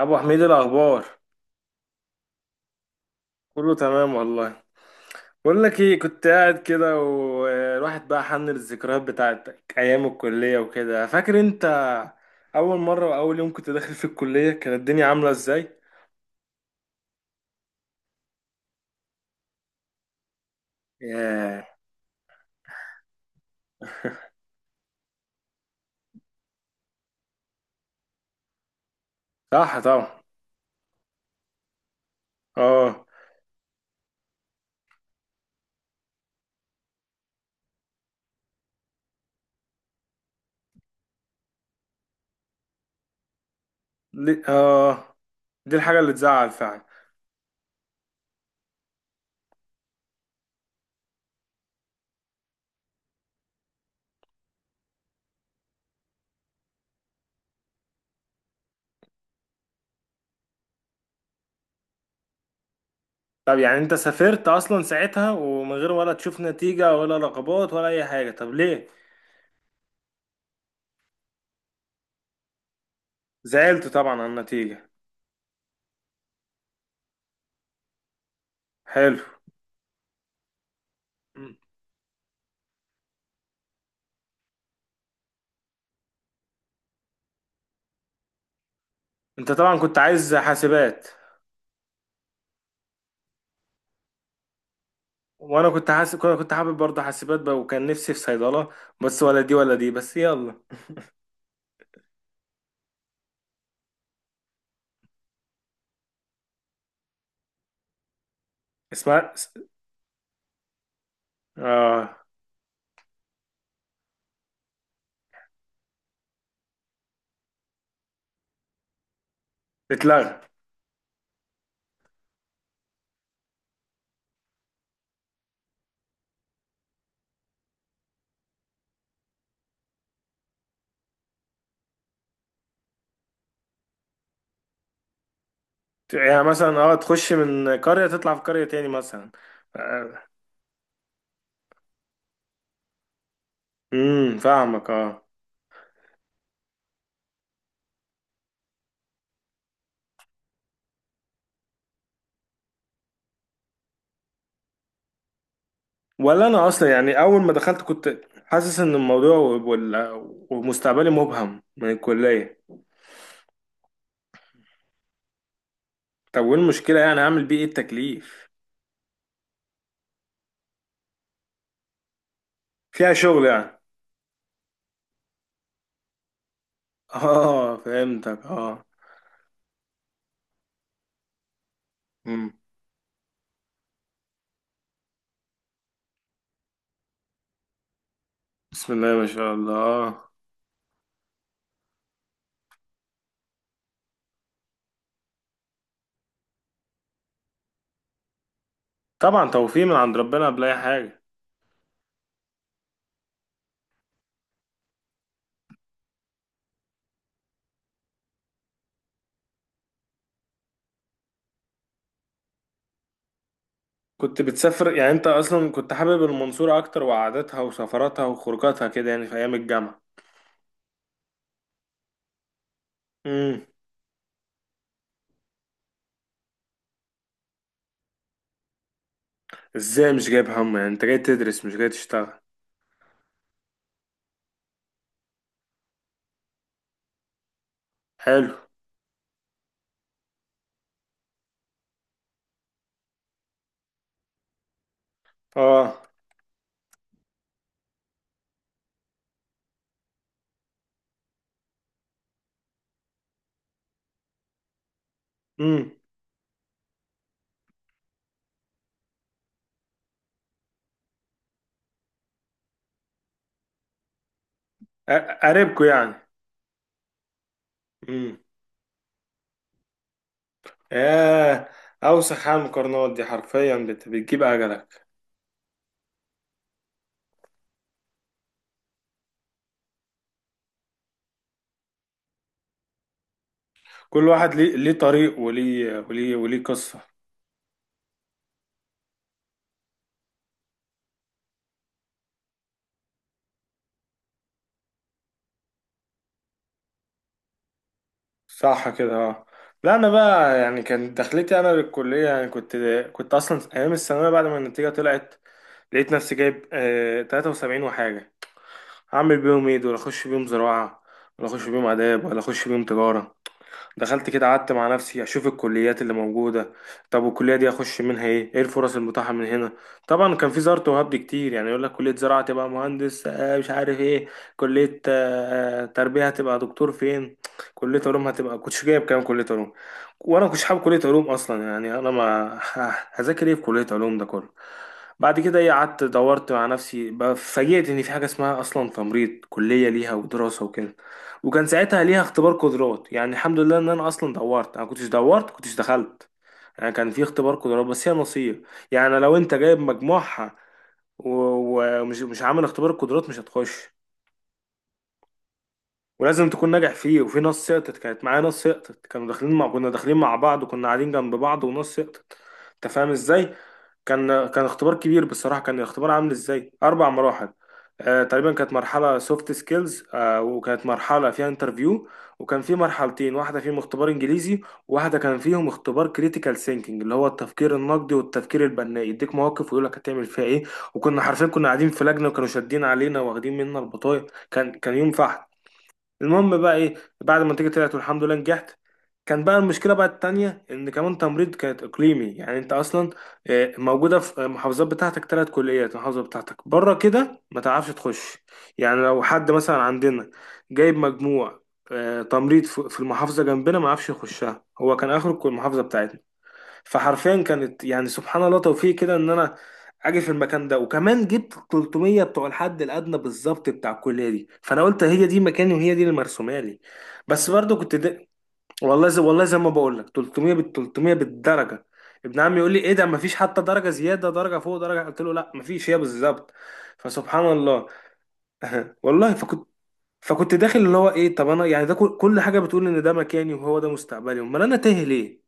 ابو حميد الاخبار. كله تمام والله. بقول لك ايه، كنت قاعد كده والواحد بقى حن الذكريات بتاعتك ايام الكليه وكده، فاكر انت اول مره واول يوم كنت داخل في الكليه كانت الدنيا عامله ازاي. ياه. صح طبعا. اه. لي... اه دي الحاجه اللي تزعل فعلا. طب يعني انت سافرت اصلا ساعتها ومن غير ولا تشوف نتيجه ولا رقابات ولا اي حاجه، طب ليه؟ زعلت طبعا على النتيجه. حلو. مم. انت طبعا كنت عايز حاسبات. وانا كنت حاسب، كنت حابب برضه حاسبات بقى، وكان نفسي في صيدله. بس ولا دي ولا دي، بس يلا. اسمها. اه. اتلغى. يعني مثلا، تخش من قريه تطلع في قريه تاني مثلا. آه، فاهمك اه. ولا انا اصلا يعني اول ما دخلت كنت حاسس ان الموضوع ومستقبلي مبهم من الكليه. طب وايه المشكله؟ يعني هعمل بيه ايه التكليف؟ فيها شغل يعني. اه فهمتك، اه. مم. بسم الله ما شاء الله. طبعا توفيق من عند ربنا قبل اي حاجه. كنت بتسافر يعني؟ انت اصلا كنت حابب المنصوره اكتر وقعدتها وسفراتها وخروجاتها كده، يعني في ايام الجامعه. امم. ازاي مش جايب هم؟ يعني انت جاي تدرس مش جاي تشتغل. حلو. اه. امم. قريبكوا يعني. امم. ياه. اوسخ على المقارنات دي حرفيا، بتجيب اجلك. كل واحد ليه ليه طريق، وليه وليه وليه قصه. صح كده، اه. لا انا بقى يعني كان دخلتي انا للكليه، يعني كنت اصلا ايام الثانويه بعد ما النتيجه طلعت لقيت نفسي جايب 73 وحاجه. هعمل بيهم ايه دول؟ اخش بيهم زراعه، ولا اخش بيهم اداب، ولا اخش بيهم تجاره؟ دخلت كده قعدت مع نفسي اشوف الكليات اللي موجوده. طب والكليه دي اخش منها ايه الفرص المتاحه من هنا؟ طبعا كان في زارت وهبد كتير، يعني يقول لك كليه زراعه تبقى مهندس مش عارف ايه، كليه تربيه هتبقى دكتور فين، كليه علوم هتبقى كنتش جايب كام كليه علوم. وانا ما كنتش حابب كليه علوم اصلا، يعني انا ما هذاكر ايه في كليه علوم ده كله. بعد كده ايه، قعدت دورت مع نفسي بقى، فاجئت ان في حاجه اسمها اصلا تمريض، كليه ليها ودراسه وكده. وكان ساعتها ليها اختبار قدرات، يعني الحمد لله ان انا اصلا دورت، انا كنتش دورت كنتش دخلت. يعني كان في اختبار قدرات، بس هي نصيب. يعني لو انت جايب مجموعها ومش مش عامل اختبار القدرات، مش هتخش. ولازم تكون ناجح فيه، وفي ناس سقطت، كانت معايا ناس سقطت، كانوا داخلين مع، كنا داخلين مع بعض وكنا قاعدين جنب بعض وناس سقطت. انت فاهم ازاي؟ كان اختبار كبير بصراحة. كان الاختبار عامل ازاي؟ اربع مراحل، تقريبا. كانت مرحلة سوفت سكيلز، وكانت مرحلة فيها انترفيو، وكان في مرحلتين، واحدة فيهم اختبار انجليزي، وواحدة كان فيهم اختبار كريتيكال ثينكينج اللي هو التفكير النقدي والتفكير البناء، يديك مواقف ويقول لك هتعمل فيها ايه. وكنا حرفيا كنا قاعدين في لجنة، وكانوا شادين علينا واخدين منا البطايق. كان يوم فحت. المهم بقى ايه، بعد ما النتيجه طلعت والحمد لله نجحت، كان بقى المشكله بقى التانية ان كمان تمريض كانت اقليمي، يعني انت اصلا موجوده في المحافظات بتاعتك ثلاث كليات، المحافظه بتاعتك بره كده ما تعرفش تخش. يعني لو حد مثلا عندنا جايب مجموع تمريض في المحافظه جنبنا، ما عرفش يخشها، هو كان اخر المحافظه بتاعتنا. فحرفيا كانت يعني سبحان الله توفيق كده، ان انا اجي في المكان ده، وكمان جبت 300 بتوع الحد الادنى بالظبط بتاع الكليه دي، فانا قلت هي دي مكاني وهي دي اللي مرسومه لي. بس برضو كنت ده، والله زي ما بقول لك 300، بال 300 بالدرجه. ابن عمي يقول لي ايه ده، مفيش حتى درجه زياده، درجه فوق درجه، قلت له لا مفيش، هي بالظبط. فسبحان الله. والله فكنت داخل اللي هو ايه، طب انا يعني ده كل حاجه بتقول ان ده مكاني وهو ده مستقبلي، امال انا تايه ليه؟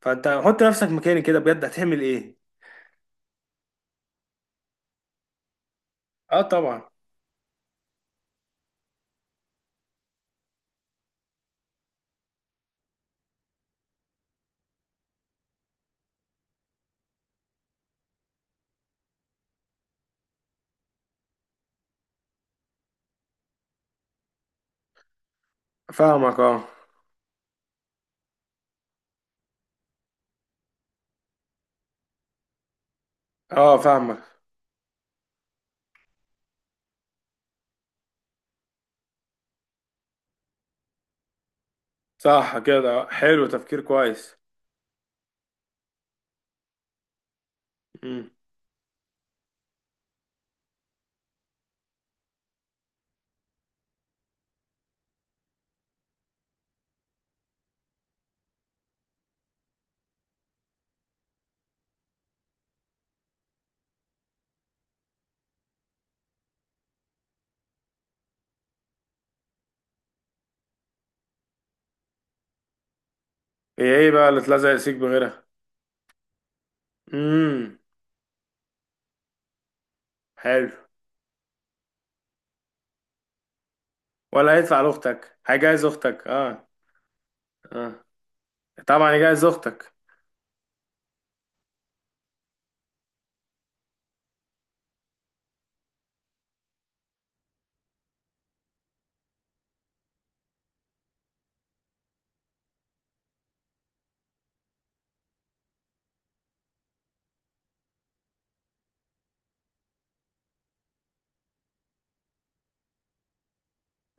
فانت حط نفسك مكاني كده بجد، هتعمل ايه؟ اه طبعا. فاهمك اه. اه فاهمك. صح كده، حلو، تفكير كويس. امم. هي ايه بقى اللي اتلزق سيك بغيرها؟ امم. حلو. ولا هيدفع لاختك، هيجهز اختك، اه. اه طبعا يجهز اختك.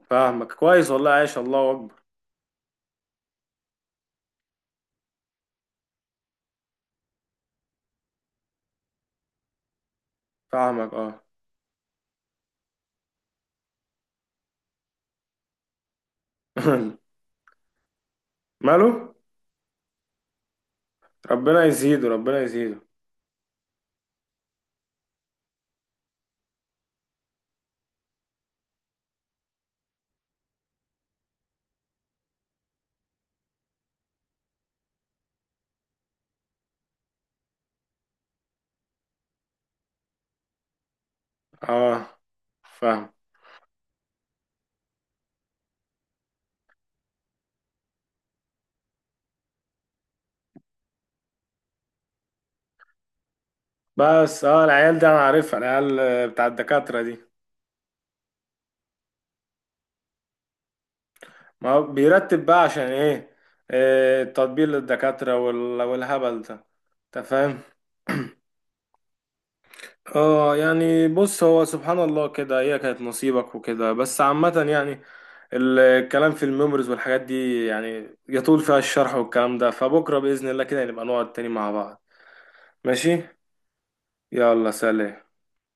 فاهمك كويس والله، عايش، الله اكبر. فاهمك اه. ماله. ربنا يزيده، ربنا يزيده. اه فاهم. بس العيال دي انا عارفها، العيال بتاع الدكاترة دي. ما هو بيرتب بقى عشان ايه؟ إيه، التطبيل للدكاترة والهبل ده. انت فاهم. اه يعني بص، هو سبحان الله كده، هي كانت نصيبك وكده، بس عامة يعني الكلام في الميموريز والحاجات دي يعني يطول فيها الشرح والكلام ده، فبكرة بإذن الله كده نبقى نقعد تاني مع بعض. ماشي. يلا سلام.